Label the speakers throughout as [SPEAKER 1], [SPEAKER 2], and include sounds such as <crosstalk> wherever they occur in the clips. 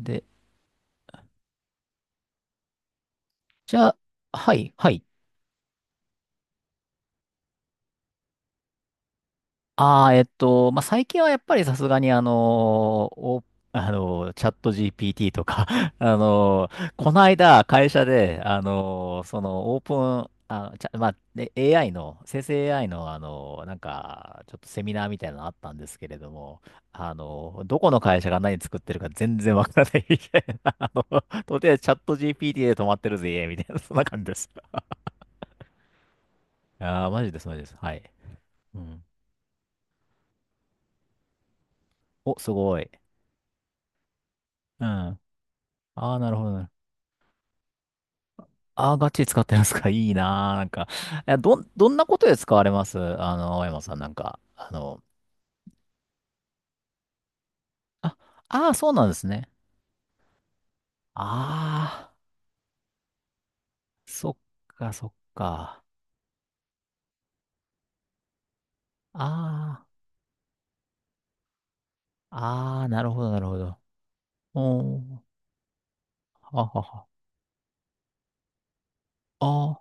[SPEAKER 1] で、じゃあ、はい、はい。ああ、まあ、最近はやっぱりさすがにお、チャット GPT とか <laughs> この間会社で、そのオープン、あ、ちゃ、まあ、で AI の、生成 AI の、なんか、ちょっとセミナーみたいなのあったんですけれども、どこの会社が何作ってるか全然わからないみたいな、<laughs> あの、とりあえずチャット GPT で止まってるぜ、みたいな、そんな感じです。ああ、マジです、マジです。はい。うん、お、すごい。うん。ああ、なるほどね。ああ、ガチ使ってますか。<laughs> いいなー。なんか、え、ど、どんなことで使われます、あの、青山さん、なんか。あの、あ、ああ、そうなんですね。ああ、そっか、そっか。ああ、ああ、なるほど、なるほど。おー、ははは。あ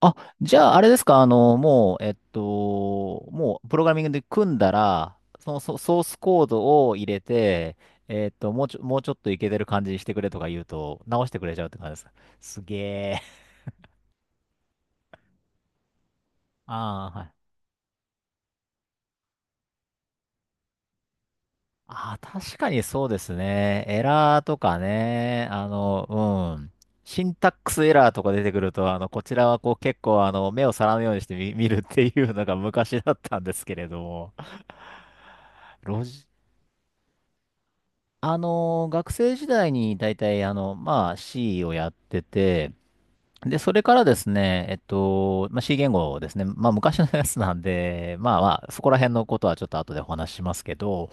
[SPEAKER 1] あ、じゃあ、あれですか、あの、もう、えっと、もう、プログラミングで組んだら、そのソソースコードを入れて、えっと、もうちょ、もうちょっといけてる感じにしてくれとか言うと、直してくれちゃうって感じですか。すげえ。<laughs> ああ、はい。ああ、確かにそうですね。エラーとかね、あの、うん。シンタックスエラーとか出てくると、あの、こちらはこう結構、あの、目を皿のようにして見、見るっていうのが昔だったんですけれども。ロジあの、学生時代に大体、あの、まあ、C をやってて、で、それからですね、まあ、C 言語ですね。まあ、昔のやつなんで、まあまあ、そこら辺のことはちょっと後でお話ししますけど、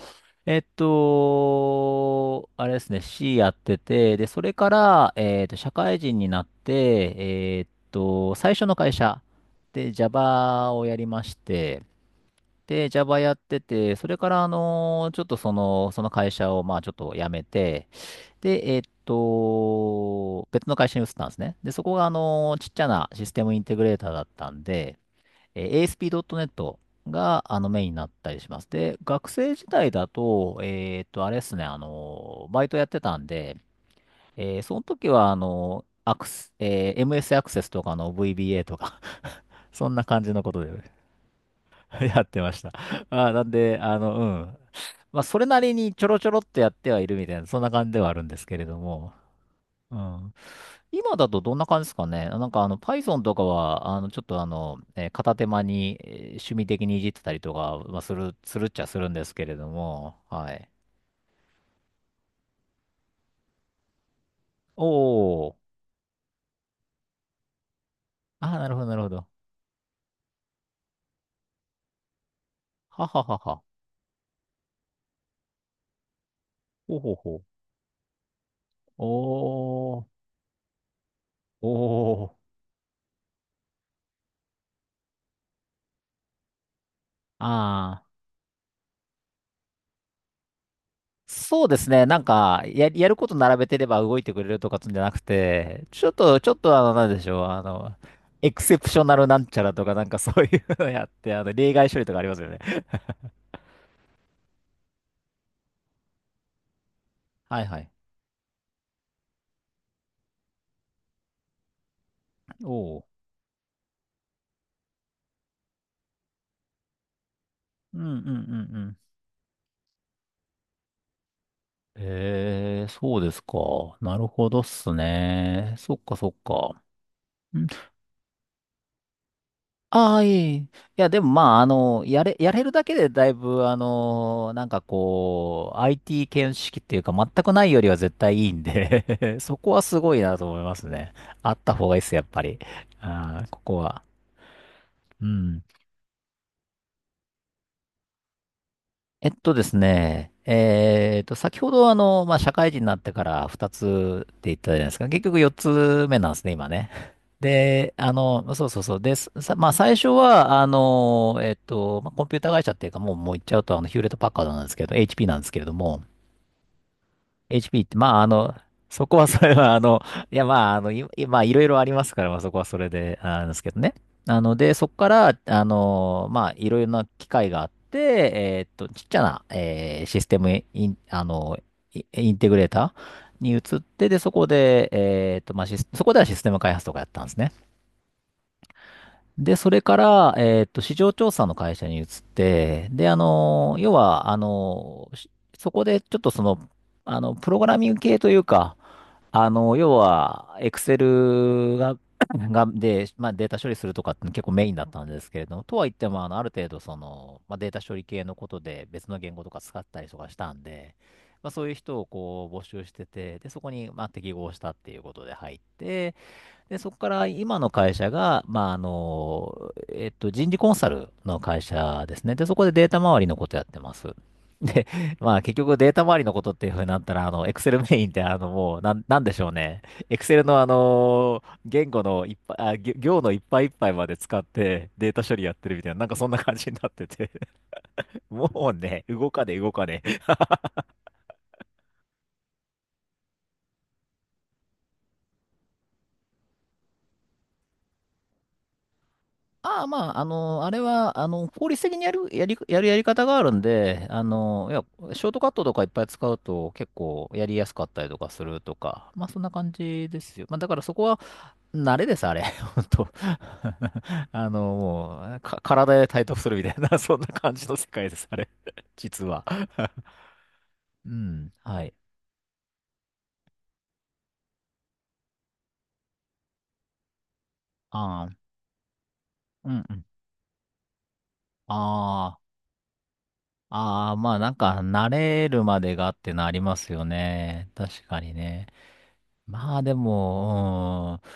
[SPEAKER 1] あれですね、C やってて、で、それから、社会人になって、最初の会社で Java をやりまして、で、Java やってて、それから、あの、ちょっとその、その会社を、まあ、ちょっと辞めて、で、別の会社に移ったんですね。で、そこが、あの、ちっちゃなシステムインテグレーターだったんで、えー ASP.NET が、あの、メインになったりします。で、学生時代だと、あれですね、あの、バイトやってたんで、えーその時は、あの、アクス、えー MS アクセスとかの VBA とか <laughs> そんな感じのことで <laughs> やってました。まあー、なんで、あの、うん。まあ、それなりにちょろちょろっとやってはいるみたいな、そんな感じではあるんですけれども。うん、今だとどんな感じですかね。なんかあの Python とかは、あのちょっとあの、えー片手間にえー趣味的にいじってたりとか、まあ、する、するっちゃするんですけれども、はい。おー。あー、なるほど、なるほど。はははは。ほうほうほう。おー。おー。あー。そうですね。なんか、や、やること並べてれば動いてくれるとかつんじゃなくて、ちょっと、ちょっとあの、なんでしょう。あの、エクセプショナルなんちゃらとか、なんかそういうのやって、あの、例外処理とかありますよね。はいはい。おう。うんうんうんうん。ええ、そうですか。なるほどっすね。そっかそっか。ん、ああ、いえいえ。いや、でもまあ、あの、やれ、やれるだけでだいぶ、あの、なんかこう、IT 見識っていうか、全くないよりは絶対いいんで <laughs> そこはすごいなと思いますね。あった方がいいっす、やっぱり。ああ、ここは。うん。えっとですね、えっと、先ほどあの、まあ、社会人になってから2つって言ったじゃないですか。結局4つ目なんですね、今ね。で、あの、そうそうそう。です。さまあ、最初は、あの、まあ、コンピューター会社っていうか、もう、もう言っちゃうと、あの、ヒューレットパッカードなんですけど、HP なんですけれども、HP って、まあ、あの、そこはそれは、あの、いや、まあ、あの、い、いまあ、いろいろありますから、まあ、そこはそれで、あなんですけどね。なので、そこから、あの、まあ、いろいろな機械があって、ちっちゃな、えーシステムイン、あの、イインテグレーターに移って、で、そこで、まあ、シスそこではシステム開発とかやったんですね。で、それから、市場調査の会社に移って、で、あの、要は、あの、しそこでちょっとその、あの、プログラミング系というか、あの、要は、Excel が、<clears throat> <laughs> が、で、まあ、データ処理するとかって結構メインだったんですけれども、とは言っても、あの、ある程度、その、まあ、データ処理系のことで別の言語とか使ったりとかしたんで、まあ、そういう人をこう募集してて、で、そこに、まあ、適合したっていうことで入って、で、そこから今の会社が、まあ、あの、人事コンサルの会社ですね。で、そこでデータ周りのことやってます。で、まあ、結局データ周りのことっていうふうになったら、あの、Excel メインって、あの、もう、なん、なんでしょうね。Excel の、あの、言語のいっぱい、あ、ぎょ行のいっぱいいっぱいまで使ってデータ処理やってるみたいな、なんかそんな感じになってて、<laughs> もうね、動かね、動かね。ああ、まあ、あの、あれは、あの、効率的にやる、やり、やるやり方があるんで、あの、いや、ショートカットとかいっぱい使うと結構やりやすかったりとかするとか、まあ、そんな感じですよ。まあ、だからそこは慣れです、あれ。<laughs> 本当 <laughs> あの、もう、か、体で体得するみたいな、<laughs> そんな感じの世界です、あれ。<laughs> 実は。<laughs> うん、はい。ああ、うんうん。ああ、ああ、まあなんか慣れるまでがってのありますよね。確かにね。まあでも、うん、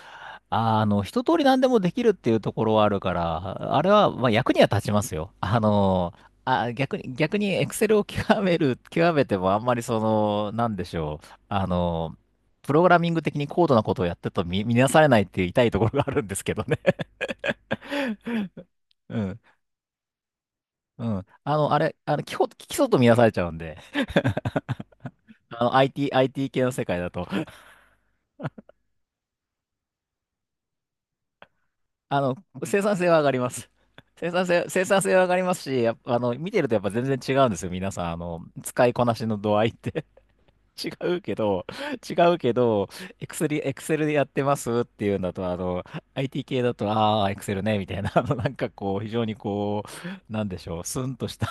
[SPEAKER 1] あの、一通り何でもできるっていうところはあるから、あれは、まあ役には立ちますよ。あの、あ、逆に、逆にエクセルを極める、極めてもあんまりその、なんでしょう。あの、プログラミング的に高度なことをやってると見、見なされないっていう痛いところがあるんですけどね。<laughs> うん、うん。あの、あれ、あの、基本、基礎と見なされちゃうんで、あの、IT、IT 系の世界だと。あの、生産性は上がります。生産性、生産性は上がりますし、やっぱあの、見てるとやっぱ全然違うんですよ。皆さん、使いこなしの度合いって <laughs> 違うけど、違うけど、エクセルでやってますっていうんだと、IT 系だと、ああ、エクセルね、みたいな、非常にこう、なんでしょう、スンとした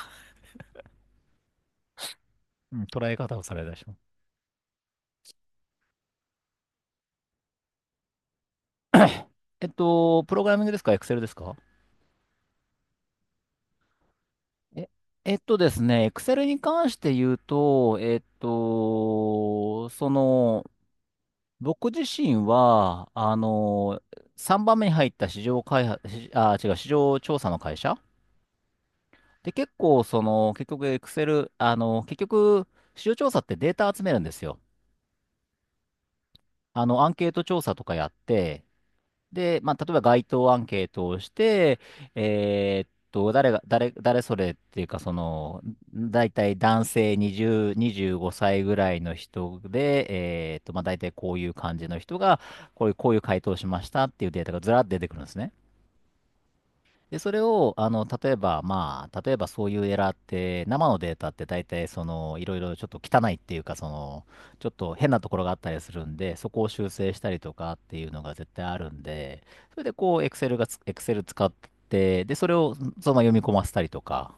[SPEAKER 1] うん捉え方をされたでしょ。<coughs> プログラミングですか、エクセルですか？え、えっとですね、Excel に関して言うと、僕自身は、3番目に入った市場開発、市あ、違う、市場調査の会社で、結構、その、結局、エクセル、あの結局、市場調査ってデータ集めるんですよ。あの、アンケート調査とかやって、で、まあ、例えば街頭アンケートをして、えーっと、誰が、誰、誰それっていうか、大体男性20、25歳ぐらいの人で、まあ、大体こういう感じの人が、こういう回答をしましたっていうデータがずらっと出てくるんですね。で、それを、あの、例えば、まあ、例えばそういうエラーって、生のデータって大体、いろいろちょっと汚いっていうか、ちょっと変なところがあったりするんで、そこを修正したりとかっていうのが絶対あるんで、それでこう、Excel がつ、Excel 使って、で、それをそのまま読み込ませたりとか、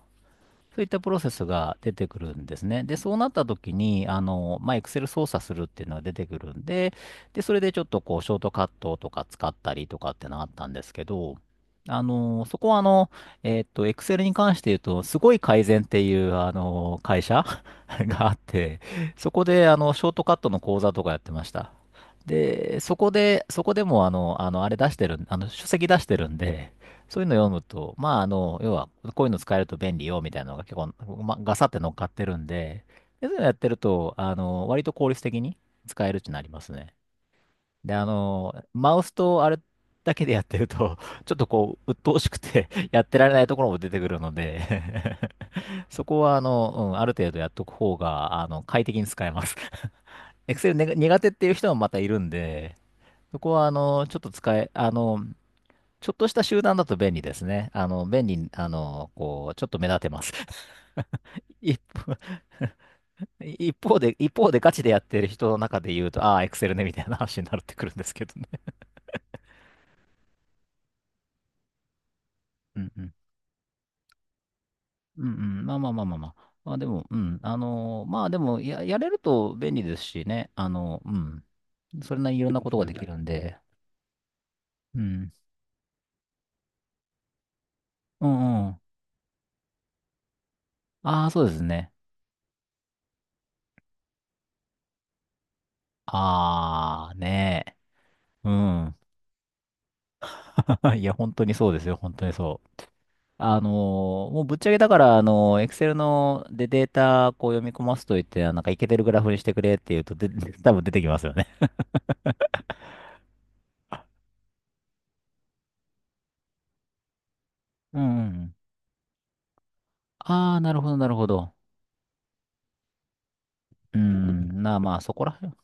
[SPEAKER 1] そういったプロセスが出てくるんですね。で、そうなった時に、Excel 操作するっていうのが出てくるんで、で、それでちょっとこう、ショートカットとか使ったりとかってのがあったんですけど、あの、そこはあの、えっと、Excel に関して言うと、すごい改善っていう、あの、会社 <laughs> があって、そこで、あの、ショートカットの講座とかやってました。で、そこで、そこでも、あの、あの、あれ出してるん、あの、書籍出してるんで、そういうの読むと、要は、こういうの使えると便利よ、みたいなのが結構、ま、ガサって乗っかってるんで、でそういうのやってると、あの、割と効率的に使えるってなりますね。で、あの、マウスとあれだけでやってると、<laughs> ちょっとこう、鬱陶しくて <laughs> やってられないところも出てくるので <laughs> そこは、あの、うん、ある程度やっとく方が、あの、快適に使えます。 <laughs> Excel ね苦手っていう人もまたいるんで、そこは、ちょっとした集団だと便利ですね。あの、便利、あの、こう、ちょっと目立てます。<laughs> 一方、一方でガチでやってる人の中で言うと、ああ、エクセルね、みたいな話になってくるんですけどね。<laughs> うんうん。うんうん。まあまあまあまあまあ。まあでも、うん。まあでも、やれると便利ですしね。あの、うん。それなりにいろんなことができるんで。うん。うんうん。ああ、そうですね。ああ、ねえ。うん。<laughs> いや、本当にそうですよ。本当にそう。あのもうぶっちゃけだから、Excel のでデータこう読み込ますといって、あなんかいけてるグラフにしてくれって言うと、で、<laughs> 多分出てきますよね。うんうんうん。ああ、なるほど、なるほど。まあ、そこらへん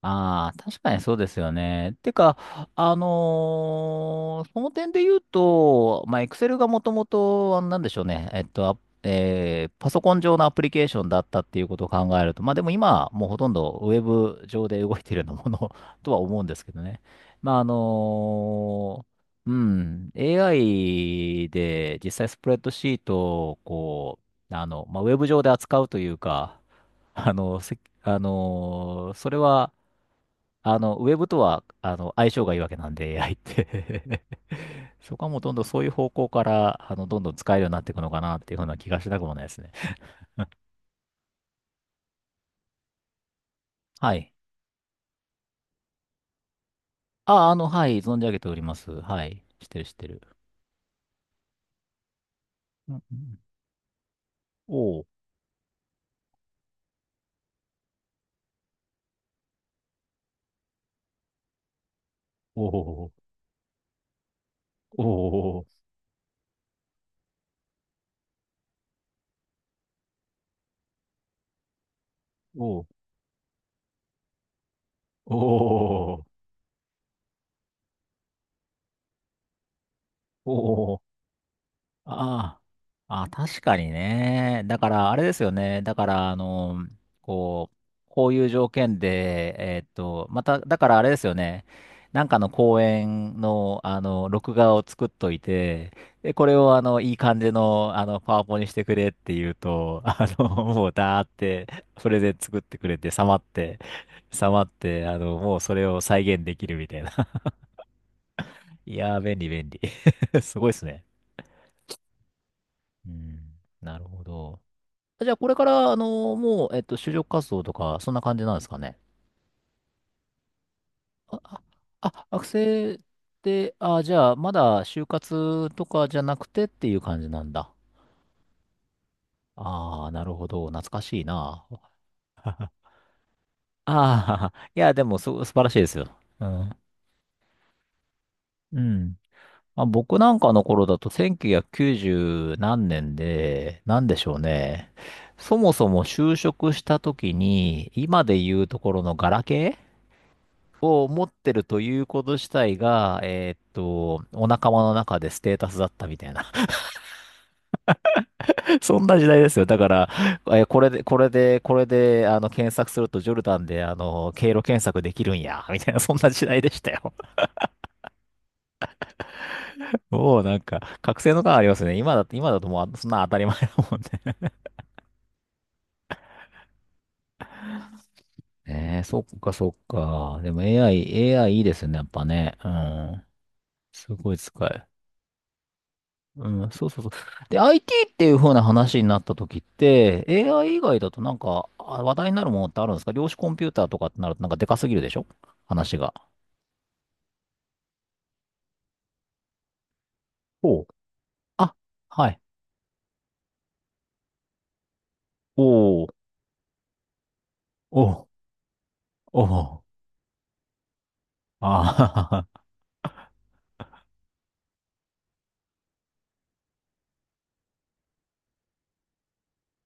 [SPEAKER 1] ああ、確かにそうですよね。てか、その点で言うと、まあ、Excel がもともと、なんでしょうね、パソコン上のアプリケーションだったっていうことを考えると、まあでも今、もうほとんどウェブ上で動いているようなもの <laughs> とは思うんですけどね。まあ、あのうん、AI で実際スプレッドシートを、ウェブ上で扱うというか、あの、せ、あのーそれは、あの、ウェブとは、あの、相性がいいわけなんで、AI って <laughs> そこはもうどんどんそういう方向から、あの、どんどん使えるようになっていくのかなっていうふうな気がしなくもないですね。はい。あ、あの、はい、存じ上げております。はい。知ってる。うんうんうん。おお、おお、おお、おお、おうお、おうお、おうお、ああ、あ、確かにね。だから、あれですよね。だから、あの、こう、こういう条件で、えーっと、また、だからあれですよね。なんかの公演の、あの、録画を作っといて、で、これを、あの、いい感じの、あの、パワポにしてくれって言うと、<laughs> あの、もう、だーって、それで作ってくれて、さまって、あの、もうそれを再現できるみたいな。<laughs> いやー、便利、便利。<laughs> すごいですね。うん、なるほど。じゃあ、これから、あの、もう、えっと、就職活動とか、そんな感じなんですかね？あ、あ、あ学生って、あ、じゃあ、まだ就活とかじゃなくてっていう感じなんだ。ああ、なるほど。懐かしいな。<laughs> ああ、<laughs> いや、でも、素晴らしいですよ。うん。うん。まあ、僕なんかの頃だと、1990何年で、なんでしょうね。そもそも就職した時に、今で言うところのガラケーを持ってるということ自体が、えーっと、お仲間の中でステータスだったみたいな。<laughs> そんな時代ですよ。だから、これで、あの、検索するとジョルダンで、あの、経路検索できるんや、みたいな、そんな時代でしたよ。<laughs> もうなんか、覚醒の感ありますね。今だって、今だともう、そんな当たり前だもんね。<laughs> えー、そっかそっか。でも AI いいですね、やっぱね。うん。すごい使え、うん、そうそうそう。で、IT っていう風な話になった時って、AI 以外だとなんか、あ話題になるものってあるんですか？量子コンピューターとかってなるとなんかでかすぎるでしょ話が。おう。あ、はい。おー、おー、おー。あー。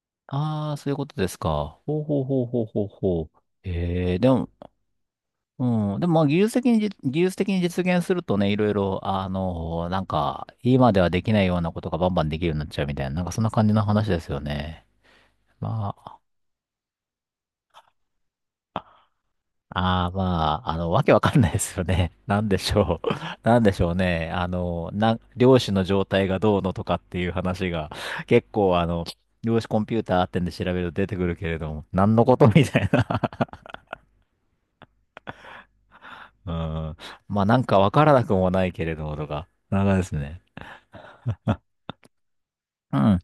[SPEAKER 1] <laughs> あー、そういうことですか。ほうほうほうほうほうほう。えー、でも、うん、でもまあ技術的に実現するとね、いろいろ、なんか、今ではできないようなことがバンバンできるようになっちゃうみたいな、なんかそんな感じの話ですよね。まあ、ああ、まあ、あの、わけわかんないですよね。<laughs> なんでしょう。<laughs> なんでしょうね。量子の状態がどうのとかっていう話が、<laughs> 結構、あの、量子コンピューターってんで調べると出てくるけれども、何のことみたいな。<laughs> うん。まあ、なんかわからなくもないけれども、とか。なんかですね。うん。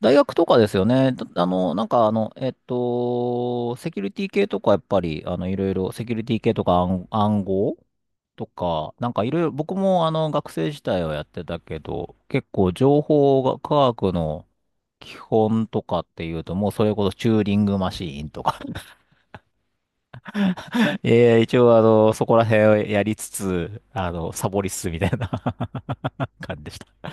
[SPEAKER 1] 大学とかですよね。だあの、なんかあの、えっと、セキュリティ系とかやっぱり、いろいろ、セキュリティ系とか暗号とか、なんかいろいろ、僕もあの学生時代はやってたけど、結構情報が、科学の基本とかっていうと、もうそれこそチューリングマシーンとか、 <laughs> 一応あの、そこら辺をやりつつ、あの、サボりつつみたいな <laughs> 感じでした。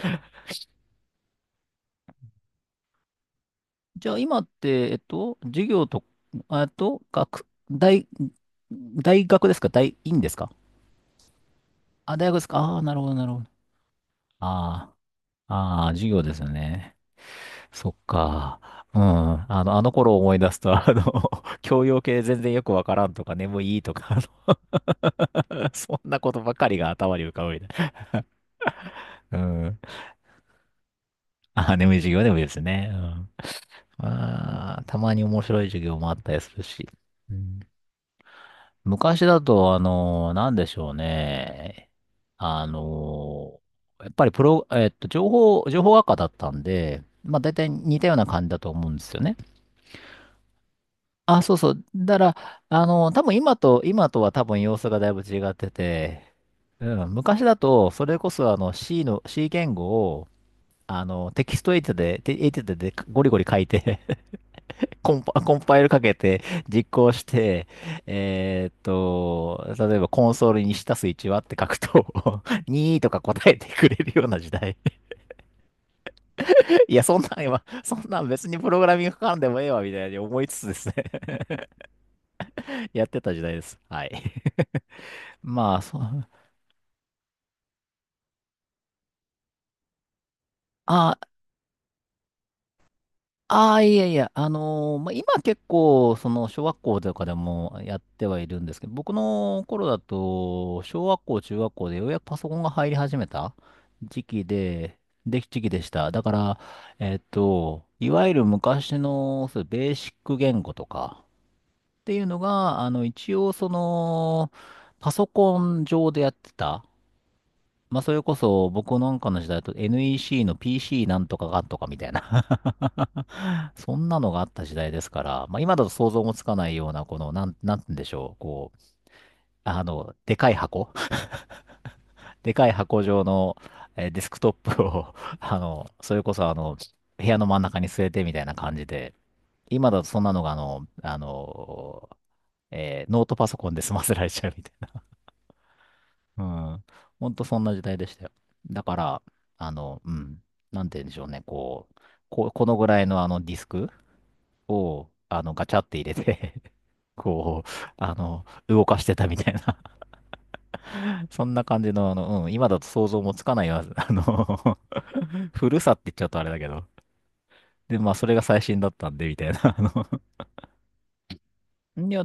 [SPEAKER 1] じゃあ今って、授業と、えっと、学、大、大学ですか、院ですか？あ、大学ですか。ああー、なるほど、なるほど。ああ、ああ、授業ですよね。そっか。うん。あの、あの頃を思い出すと、あの、<laughs> 教養系全然よくわからんとか、眠いとか、あの、 <laughs> そんなことばかりが頭に浮かぶみたいな。うん。あ、眠い授業でもいいですね。うん。まあ、たまに面白い授業もあったりするし。うん、昔だと、あの、なんでしょうね。あの、やっぱりプロ、えっと、情報、情報学科だったんで、まあ大体似たような感じだと思うんですよね。あ、そうそう。だから、あの、多分今とは多分様子がだいぶ違ってて、うん、昔だと、それこそあの C の、C 言語を、あの、テキストエディターで、テエディターでゴリゴリ書いて、 <laughs> コンパイルかけて実行して、えーっと、例えばコンソールに下す1はって書くと、 <laughs> 2とか答えてくれるような時代。いや、そんなん別にプログラミングかかんでもええわ、みたいに思いつつですね、 <laughs> やってた時代です。はい。まあ、そう、<laughs> あ、ああ、いやいや、あのー、まあ、今結構、その、小学校とかでもやってはいるんですけど、僕の頃だと、小学校、中学校でようやくパソコンが入り始めた時期で、で、時期でした。だから、えっと、いわゆる昔の、そう、ベーシック言語とかっていうのが、あの、一応、その、パソコン上でやってた。まあ、それこそ、僕なんかの時代だと NEC の PC なんとかがんとかみたいな、 <laughs> そんなのがあった時代ですから、まあ、今だと想像もつかないような、この、なんて言うんでしょう、こう、あの、でかい箱、 <laughs> でかい箱状の、えーデスクトップを、 <laughs> あの、それこそ、あの、部屋の真ん中に据えてみたいな感じで、今だとそんなのが、あの、えーノートパソコンで済ませられちゃうみたいな。うん。ほんとそんな時代でしたよ。だから、あの、うん。なんて言うんでしょうね。こう、このぐらいのあのディスクを、あの、ガチャって入れて、 <laughs> こう、あの、動かしてたみたいな、 <laughs> そんな感じの、あの、うん、今だと想像もつかないよ、あの、 <laughs> 古さって言っちゃうとあれだけど。で、まあ、それが最新だったんで、みたいな。あの、 <laughs> いや、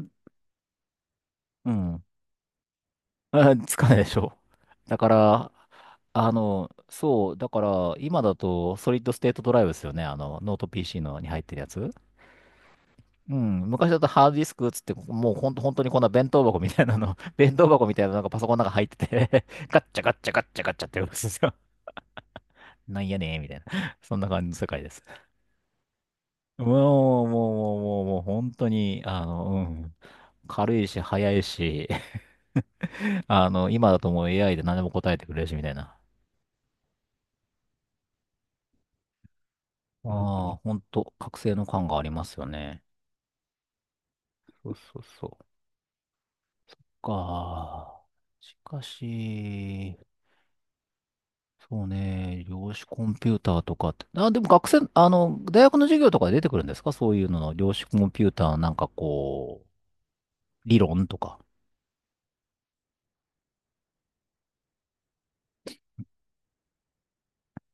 [SPEAKER 1] うん。<laughs> あ、つかないでしょう。<laughs> だから、あの、そう、だから、今だと、ソリッドステートドライブですよね。あの、ノート PC のに入ってるやつ。うん。昔だとハードディスクっつって、もうほんと、本当にこんな弁当箱みたいなの、<laughs> 弁当箱みたいなのがパソコンの中入ってて <laughs> ガッチャガッチャガッチャガッチャってやるんですよ。<laughs> なんやねーみたいな。<laughs> そんな感じの世界です。<laughs> もう、もう、もう、もう、もう、本当に、あの、うん。軽いし、早いし、<laughs> あの、今だともう AI で何でも答えてくれるし、みたいな。ああ、ほんと、覚醒の感がありますよね。そうそうそう。か。しかし、そうね、量子コンピューターとかって。あ、でも学生、あの、大学の授業とかで出てくるんですか、そういうのの、量子コンピューターなんかこう、理論とか。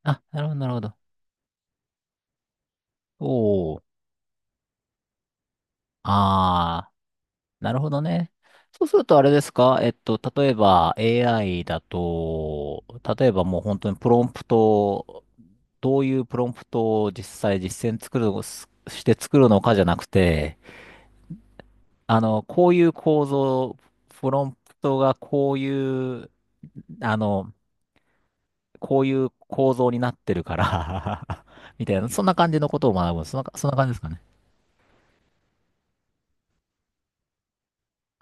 [SPEAKER 1] あ、なるほど、なるほど。おー。ああ。なるほどね。そうするとあれですか、えっと、例えば AI だと、例えばもう本当にプロンプトを、どういうプロンプトを実際実践作るの、すして作るのかじゃなくて、あの、こういう構造、プロンプトがこういう、あの、こういう構造になってるから、 <laughs> みたいな、そんな感じのことを学ぶ。そんな感じですかね。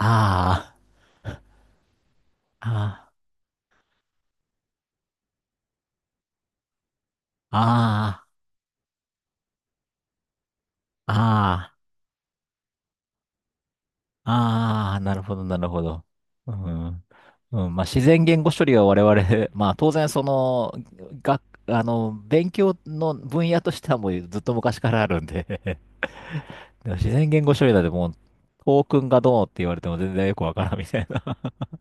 [SPEAKER 1] ああ、ああ、ああ、ああ。ああ、なるほど、なるほど。うん。うん、まあ、自然言語処理は我々、まあ、当然、その、学、あの、勉強の分野としてはもうずっと昔からあるんで、 <laughs> でも自然言語処理だってもう、トークンがどうって言われても全然よくわからんみたいな。 <laughs>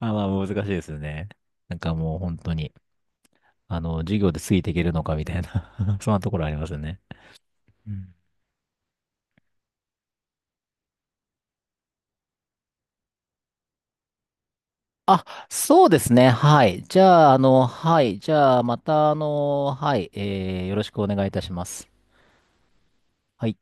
[SPEAKER 1] あ、まあ、難しいですよね。なんかもう本当に、あの、授業でついていけるのかみたいな、 <laughs> そんなところありますよね。うん、あ、そうですね。はい。じゃあ、あの、はい。じゃあ、また、あの、はい。えー、よろしくお願いいたします。はい。